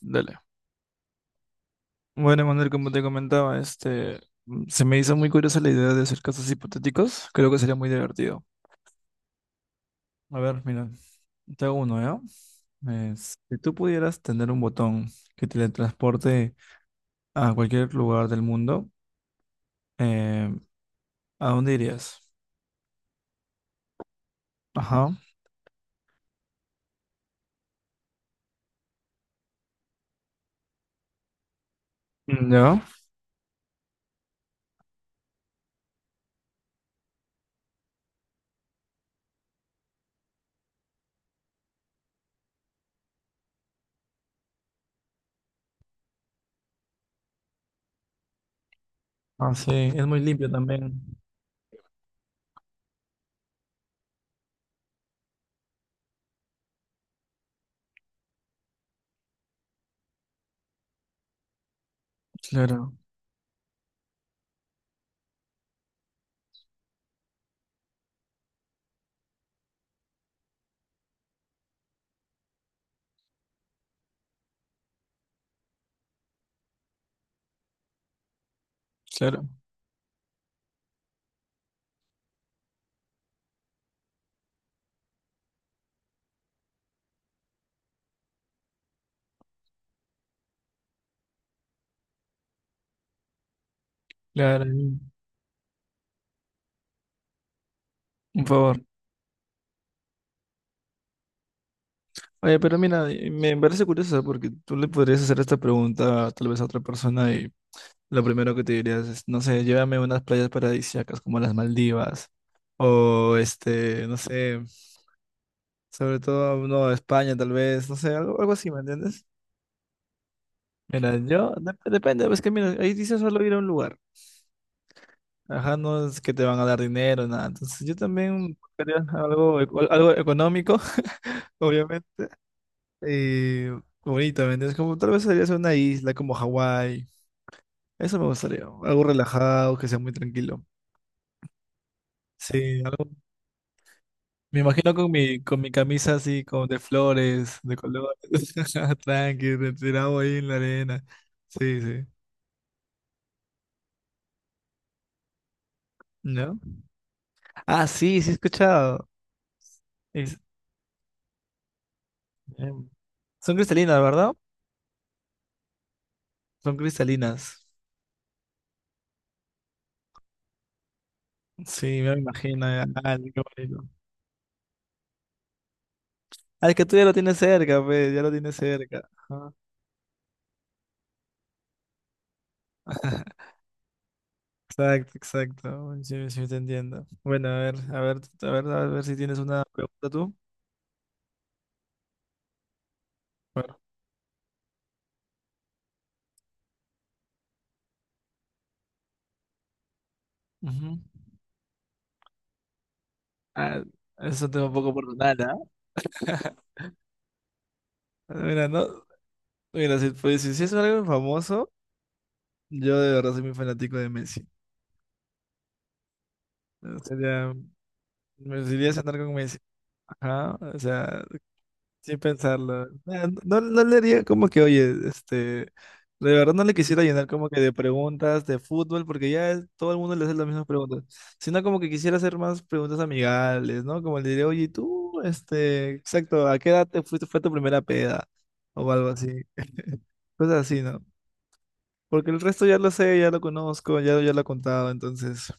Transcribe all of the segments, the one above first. Dale. Bueno, Manuel, como te comentaba, se me hizo muy curiosa la idea de hacer casos hipotéticos. Creo que sería muy divertido. A ver, mira, te hago uno, ¿ya? Es, si tú pudieras tener un botón que te transporte a cualquier lugar del mundo, eh, ¿a dónde irías? Ajá. Mm, ¿ya? Ah, sí, es muy limpio también. Claro, claro, claro. Ahí. Un favor. Oye, pero mira, me parece curioso porque tú le podrías hacer esta pregunta tal vez a otra persona y lo primero que te dirías es, no sé, llévame a unas playas paradisíacas como las Maldivas. O este, no sé, sobre todo, no, España tal vez, no sé, algo, algo así, ¿me entiendes? Mira, yo, depende, es que mira, ahí dice solo ir a un lugar. Ajá, no es que te van a dar dinero, nada. Entonces yo también buscaría algo, algo económico, obviamente. Y bonito, ¿me entiendes? Como tal vez sería una isla como Hawái. Eso me gustaría, algo relajado, que sea muy tranquilo. Sí, me imagino con mi camisa así, con de flores, de colores, tranqui, tirado ahí en la arena. Sí, sí. ¿No? Ah, sí, sí he escuchado. Es- em, son cristalinas, ¿verdad? Son cristalinas. Sí, me imagino. Ya. Ah, qué bonito. Ah, es que tú ya lo tienes cerca, pues, ya lo tienes cerca. Ajá. Exacto, exacto. Bueno, sí, sí, te entiendo. Bueno, a ver si tienes una pregunta tú. Bueno. Ujú. Ah, eso tengo un poco personal. Ah, mira, no, mira, si, pues, si es algo famoso, yo de verdad soy muy fanático de Messi. O sea, ya, me gustaría cenar con Messi. Ajá, o sea, sin pensarlo. No, no le haría como que, oye, este, de verdad no le quisiera llenar como que de preguntas de fútbol, porque todo el mundo le hace las mismas preguntas, sino como que quisiera hacer más preguntas amigables, ¿no? Como le diré, oye, ¿y tú, este, exacto, ¿a qué edad te fuiste, fue tu primera peda? O algo así. Cosas así, ¿no? Porque el resto ya lo sé, ya lo conozco, ya, ya lo he contado, entonces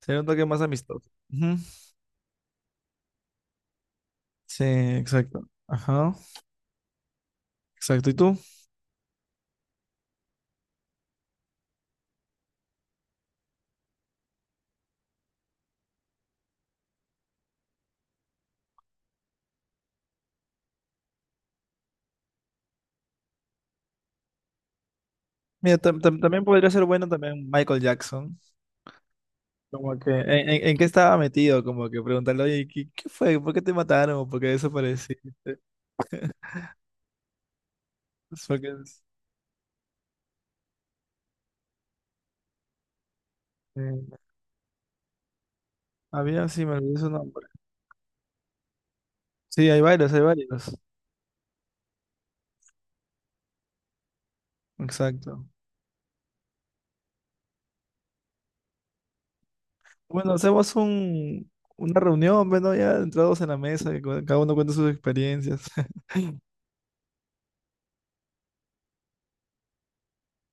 sería un toque más amistoso. Ujú. Sí, exacto. Ajá, exacto. ¿Y tú? Mira, también podría ser bueno también Michael Jackson. Como que, ¿en qué estaba metido? Como que preguntarle, oye, ¿qué fue? ¿Por qué te mataron? ¿O por qué desapareciste? Es porque, eh, había, sí, me olvidé su nombre. Sí, hay varios, hay varios. Exacto. Bueno, hacemos un, una reunión, bueno, ya entrados en la mesa, y cada uno cuenta sus experiencias.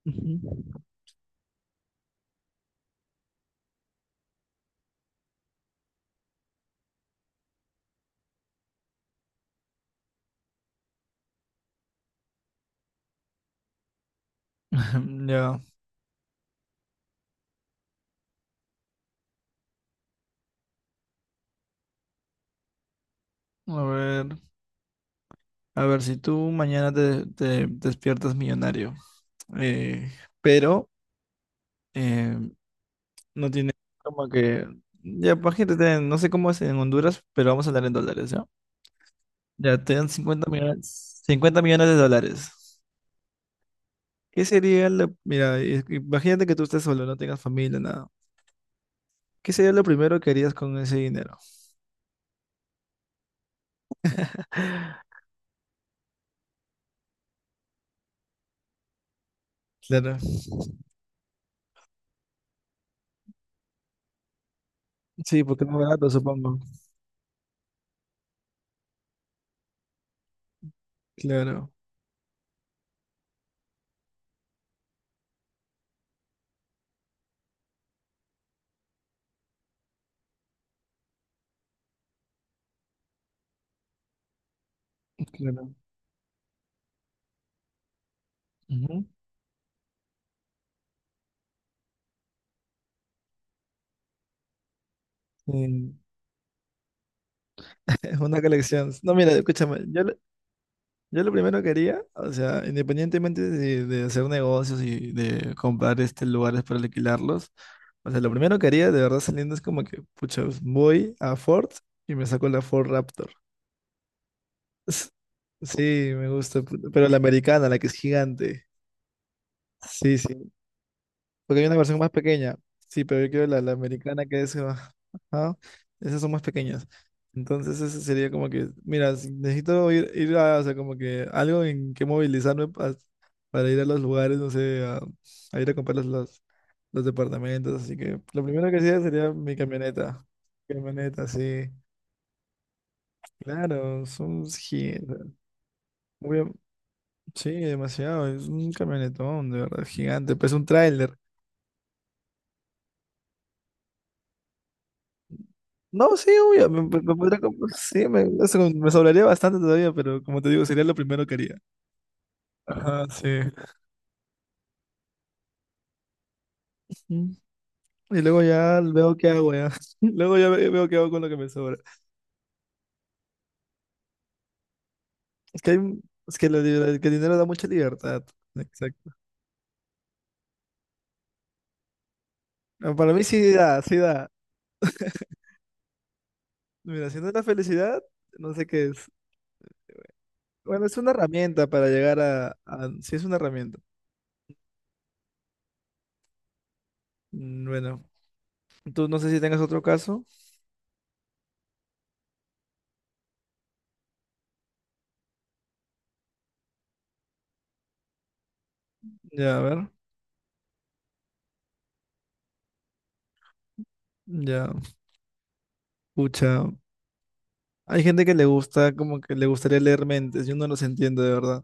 Ujú. Ya, a ver, a ver, si tú mañana te despiertas millonario, eh, pero eh, no tienes como que, ya, imagínate, te- no sé cómo es en Honduras, pero vamos a hablar en dólares, ¿ya? Ya, te dan 50 millones, 50 millones de dólares. ¿Qué sería lo, mira, imagínate que tú estés solo, no tengas familia, nada. ¿Qué sería lo primero que harías con ese dinero? Claro. Sí, porque no es barato, supongo. Claro, claro. Ujú. Sí. Es una colección. No, mira, escúchame, yo lo primero que haría, o sea, independientemente de hacer negocios y de comprar este lugares para alquilarlos, o sea, lo primero que haría de verdad saliendo es como que, pucha, pues, voy a Ford y me saco la Ford Raptor. S- Sí, me gusta, pero la americana, la que es gigante. Sí, sí, Porque hay una versión más pequeña. Sí, pero yo quiero la americana que es... ah, ajá. Esas son más pequeñas. Entonces ese sería como que, mira, si necesito ir a, o sea, como que algo en que movilizarme para ir a los lugares, no sé, a ir a comprar los departamentos. Así que lo primero que hacía sería mi camioneta. Camioneta, sí. Claro, son gigantes muy, am- sí, demasiado. Es un camionetón, de verdad, gigante. Pues un tráiler. No, sí, obvio, me podría comprar sí, me, eso me sobraría bastante todavía, pero como te digo, sería lo primero que haría. Ajá, sí. Mm, y luego ya veo qué hago, ya. Luego veo qué hago con lo que me sobra. Es que, hay, es que, que el dinero da mucha libertad. Exacto. Ah, para mí sí da, sí da. Mira, si no es la felicidad, no sé qué es. Bueno, es una herramienta para llegar a... Sí, es una herramienta. Mm, bueno, tú no sé si tengas otro caso. Ya, a ver. Ya, pucha. Hay gente que le gusta, como que le gustaría leer mentes, yo no los entiendo de verdad.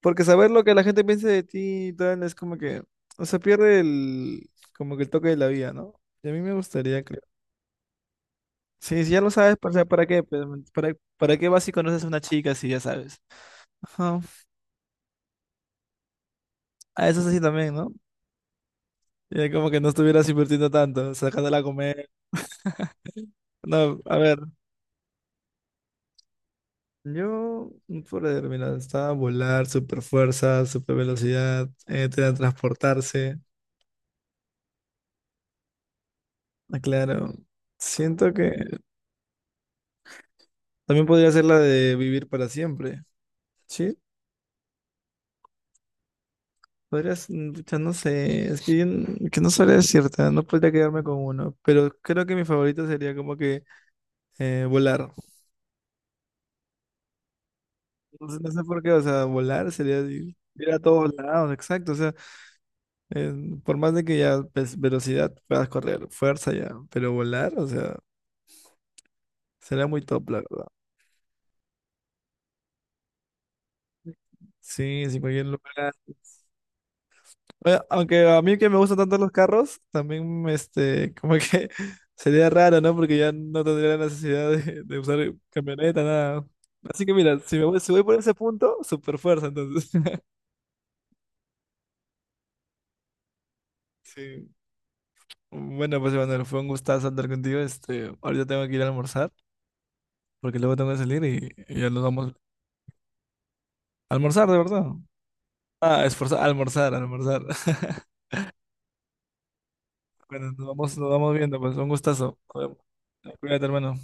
Porque saber lo que la gente piensa de ti y tal es como que, o sea, como que el toque de la vida, ¿no? Y a mí me gustaría, creo. Sí, si ya lo sabes, o sea, ¿para qué? Pues, ¿para qué vas y conoces a una chica si ya sabes? Ajá. A eso es así también, ¿no? Y como que no estuvieras invirtiendo tanto, sacándola a comer. No, a ver, yo, por determinado, está volar, super fuerza, super velocidad, teletransportarse. Ah, claro, siento que también podría ser la de vivir para siempre. Sí, podrías, mm, pucha, no sé, es que, que no sabría decirte, no podría quedarme con uno, pero creo que mi favorito sería como que volar. No sé, no sé por qué, o sea, volar sería ir a todos lados, exacto, o sea, eh, por más de que ya pues, velocidad puedas correr, fuerza ya, pero volar, o sea, sería muy top, la verdad. Sí, sin cualquier lugar. Oye, aunque a mí que me gustan tanto los carros, también este, como que sería raro, ¿no? Porque ya no tendría la necesidad de usar camioneta, nada. Así que mira, si voy por ese punto, super fuerza, entonces. Sí. Bueno, pues Emanuel, fue un gustazo andar contigo. Este, ahorita tengo que ir a almorzar, porque luego tengo que salir y ya nos vamos a almorzar, de verdad. Ah, esforzar, almorzar. Bueno, nos vamos viendo, pues un gustazo. Nos vemos. Cuídate, hermano.